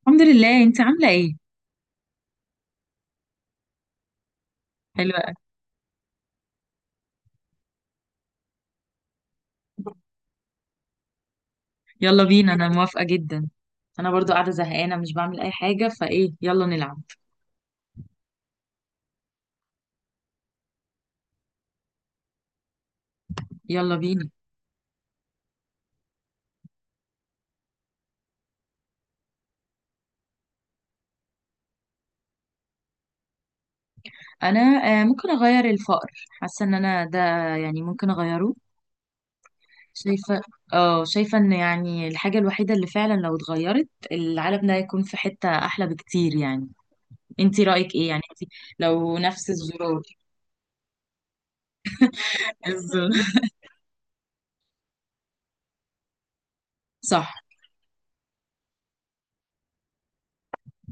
الحمد لله، انت عامله ايه؟ حلوه قوي. يلا بينا، انا موافقه جدا. انا برضو قاعده زهقانه مش بعمل اي حاجه، فايه يلا نلعب. يلا بينا. انا آه ممكن اغير الفقر، حاسه ان انا ده، يعني ممكن اغيره. شايفه. اه، شايفه ان يعني الحاجه الوحيده اللي فعلا لو اتغيرت العالم ده هيكون في حته احلى بكتير يعني. انت رايك ايه يعني، انت لو نفس الزرار. بالظبط. صح.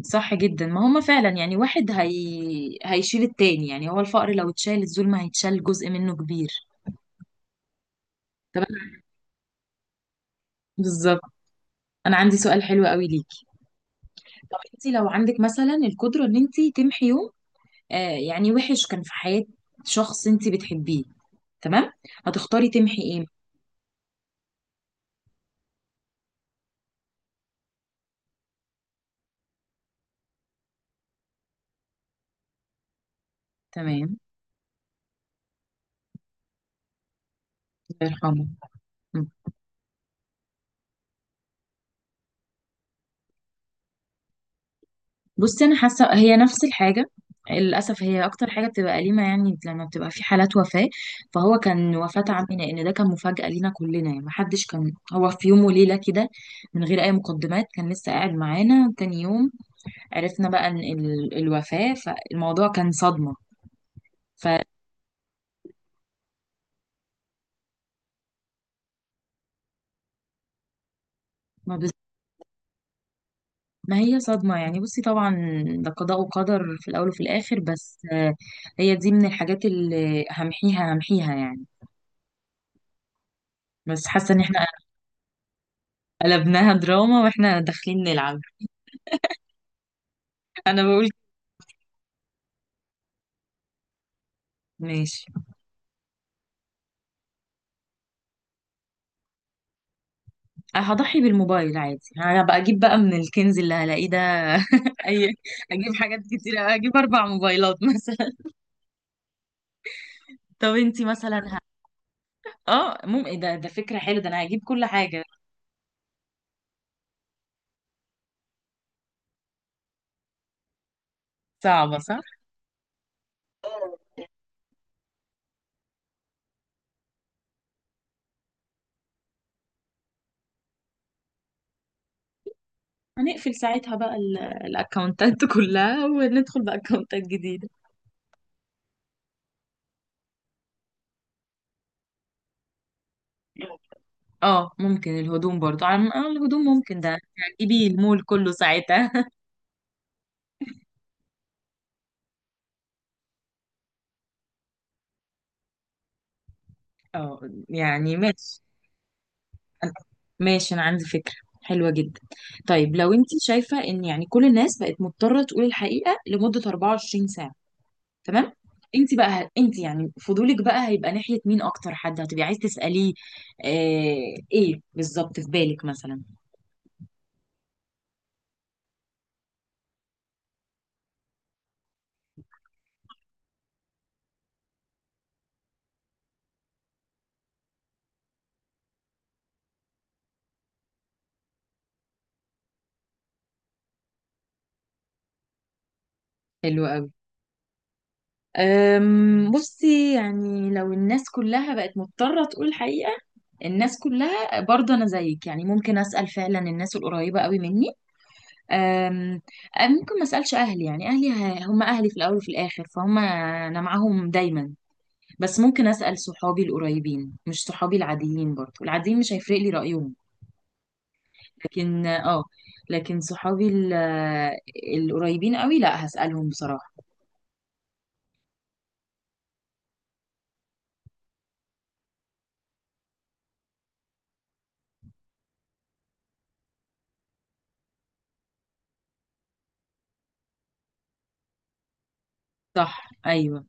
صح جدا، ما هما فعلا يعني واحد هيشيل التاني، يعني هو الفقر لو اتشال الظلم هيتشال جزء منه كبير. طب أنا- بالظبط. انا عندي سؤال حلو قوي ليكي. طب انت لو عندك مثلا القدره ان انت تمحي يوم يعني وحش كان في حياه شخص انت بتحبيه، تمام، هتختاري تمحي ايه؟ تمام. الله يرحمه. بصي، انا حاسه هي نفس الحاجه. للاسف هي اكتر حاجه بتبقى أليمة يعني لما بتبقى في حالات وفاه. فهو كان وفاه عمي، لان ده كان مفاجاه لينا كلنا، يعني محدش كان هو في يوم وليله كده من غير اي مقدمات، كان لسه قاعد معانا تاني يوم عرفنا بقى ان الوفاه، فالموضوع كان صدمه. فما بز... ما هي صدمه يعني، بصي طبعا ده قضاء وقدر في الاول وفي الاخر، بس هي دي من الحاجات اللي همحيها، همحيها يعني. بس حاسه ان احنا قلبناها دراما واحنا داخلين نلعب. انا بقول ماشي. هضحي بالموبايل عادي، هبقى اجيب بقى من الكنز اللي هلاقيه ده. اي، اجيب حاجات كتير، اجيب 4 موبايلات مثلا. طب انتي مثلا اه ممكن ده فكرة حلوة، ده انا هجيب كل حاجة. صعبة صح. هنقفل ساعتها بقى الاكونتات كلها وندخل باكونتات جديدة. اه ممكن الهدوم برضو، عن الهدوم ممكن ده. هتجيبي المول كله ساعتها. اه يعني ماشي. أنا- ماشي، انا عندي فكرة حلوة جدا. طيب لو انت شايفة ان يعني كل الناس بقت مضطرة تقول الحقيقة لمدة 24 ساعة، تمام، انت بقى انت يعني فضولك بقى هيبقى ناحية مين، اكتر حد هتبقي عايز تسأليه؟ آه ايه بالظبط في بالك مثلا؟ حلو قوي. بصي يعني لو الناس كلها بقت مضطرة تقول الحقيقة، الناس كلها برضه أنا زيك يعني ممكن أسأل فعلا الناس القريبة قوي مني. أم أم ممكن ما اسالش اهلي، يعني اهلي هم اهلي في الاول وفي الاخر فهم انا معاهم دايما. بس ممكن اسال صحابي القريبين، مش صحابي العاديين، برضو العاديين مش هيفرق لي رايهم. لكن اه لكن صحابي القريبين قوي لا، هسالهم بصراحه. صح، ايوه.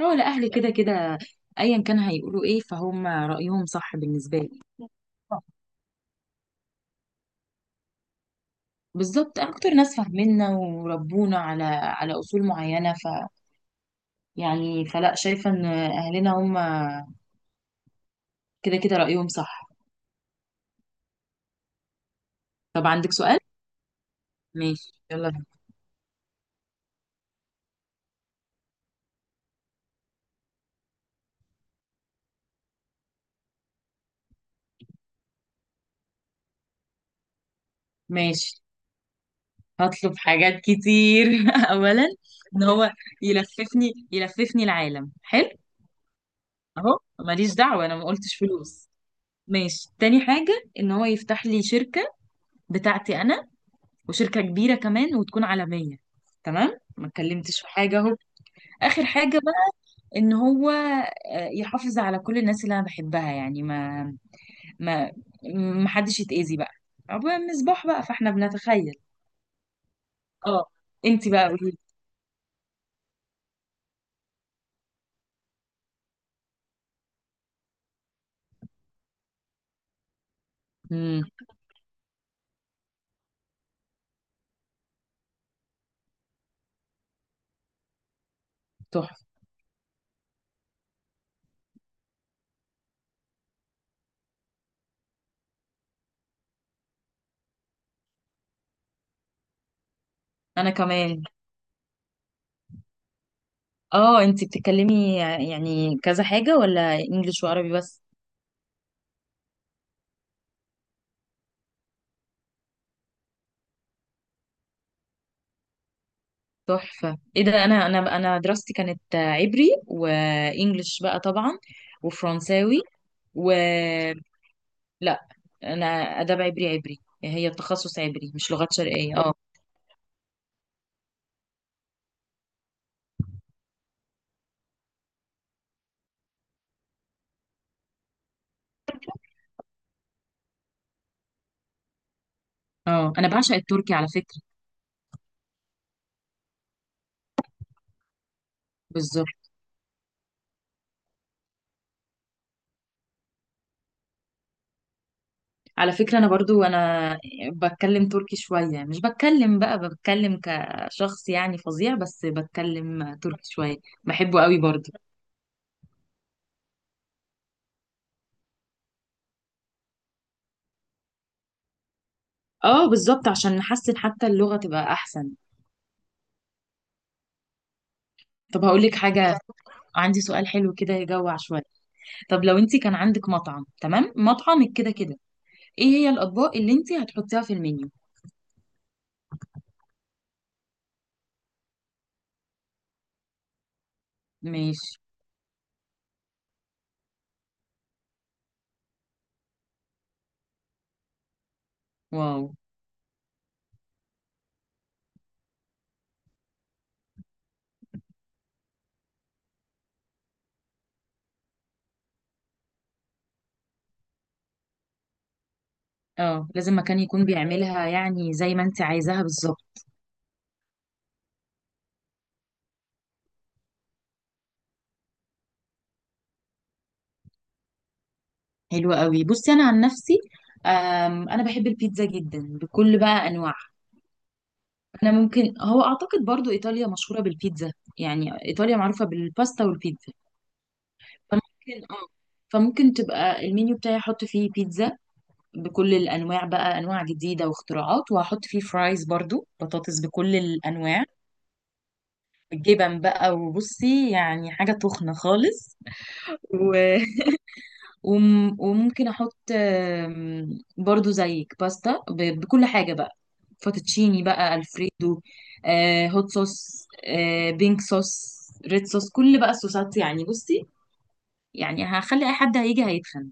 هو لا، اهلي كده كده ايا كان هيقولوا ايه فهم رايهم صح بالنسبه لي. بالظبط، اكتر ناس فاهميننا وربونا على اصول معينه. يعني فلا شايفة ان اهلنا هم كده كده رأيهم صح. طب عندك سؤال؟ ماشي، يلا بينا. ماشي، هطلب حاجات كتير اولا، ان هو يلففني، يلففني العالم حلو. اهو ماليش دعوة، انا ما قلتش فلوس. ماشي، تاني حاجة ان هو يفتح لي شركة بتاعتي انا، وشركة كبيرة كمان وتكون عالمية، تمام، ما اتكلمتش في حاجة اهو. اخر حاجة بقى، ان هو يحافظ على كل الناس اللي انا بحبها، يعني ما ما حدش يتأذي بقى. عبوة المصباح بقى فاحنا بنتخيل. اه. انت بقى قولي لي. امم تحفة. انا كمان. اه انت بتتكلمي يعني كذا حاجة، ولا انجليش وعربي بس؟ تحفة، ايه ده، انا دراستي كانت عبري وانجليش بقى طبعا، وفرنساوي. و لا، انا اداب عبري. عبري هي التخصص، عبري مش لغات شرقية، اه. اه انا بعشق التركي على فكرة. بالظبط. على فكرة أنا برضو أنا بتكلم تركي شوية، مش بتكلم بقى، بتكلم كشخص يعني فظيع، بس بتكلم تركي شوية. بحبه قوي برضو. اه بالظبط، عشان نحسن، حتى اللغة تبقى أحسن. طب هقولك حاجة. عندي سؤال حلو كده يجوع شوية. طب لو انت كان عندك مطعم، تمام، مطعمك كده كده ايه هي الأطباق اللي انت هتحطيها في المنيو؟ ماشي. واو. اه لازم مكان يكون بيعملها يعني زي ما انت عايزاها بالظبط. حلو قوي. بصي انا عن نفسي، انا بحب البيتزا جدا بكل بقى انواعها. انا ممكن هو اعتقد برضو ايطاليا مشهوره بالبيتزا، يعني ايطاليا معروفه بالباستا والبيتزا. فممكن اه فممكن تبقى المنيو بتاعي احط فيه بيتزا بكل الانواع بقى، انواع جديده واختراعات، وهحط فيه فرايز برضو، بطاطس بكل الانواع، جبن بقى، وبصي يعني حاجه تخنه خالص. وممكن احط برضو زيك باستا، بكل حاجه بقى، فوتوتشيني بقى الفريدو، هوت صوص، بينك صوص، ريد صوص، كل بقى الصوصات يعني. بصي يعني هخلي اي حد هيجي هيتخن.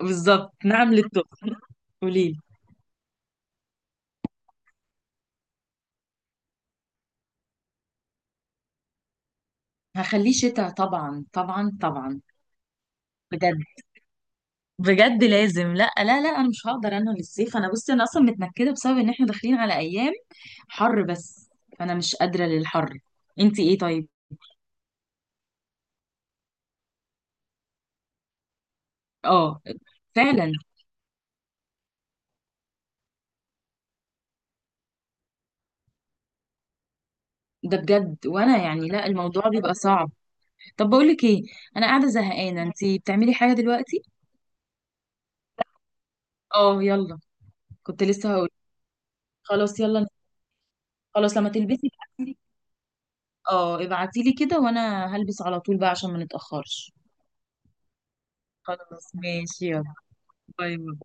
بالظبط، نعم للطب. قوليلي. هخليه شتاء طبعا طبعا طبعا. بجد، بجد لازم. لا لا لا، انا مش هقدر. انا للصيف انا، بصي انا اصلا متنكده بسبب ان احنا داخلين على ايام حر بس، فانا مش قادره للحر. انتي ايه طيب؟ اه فعلا، ده بجد، وانا يعني لا، الموضوع بيبقى صعب. طب بقول لك ايه، انا قاعده زهقانه، انتي بتعملي حاجه دلوقتي؟ اه يلا. كنت لسه هقول. خلاص يلا. خلاص، لما تلبسي ابعتيلي، اه ابعتيلي كده وانا هلبس على طول بقى عشان ما نتاخرش. خلاص، ماشي، يلا. باي باي.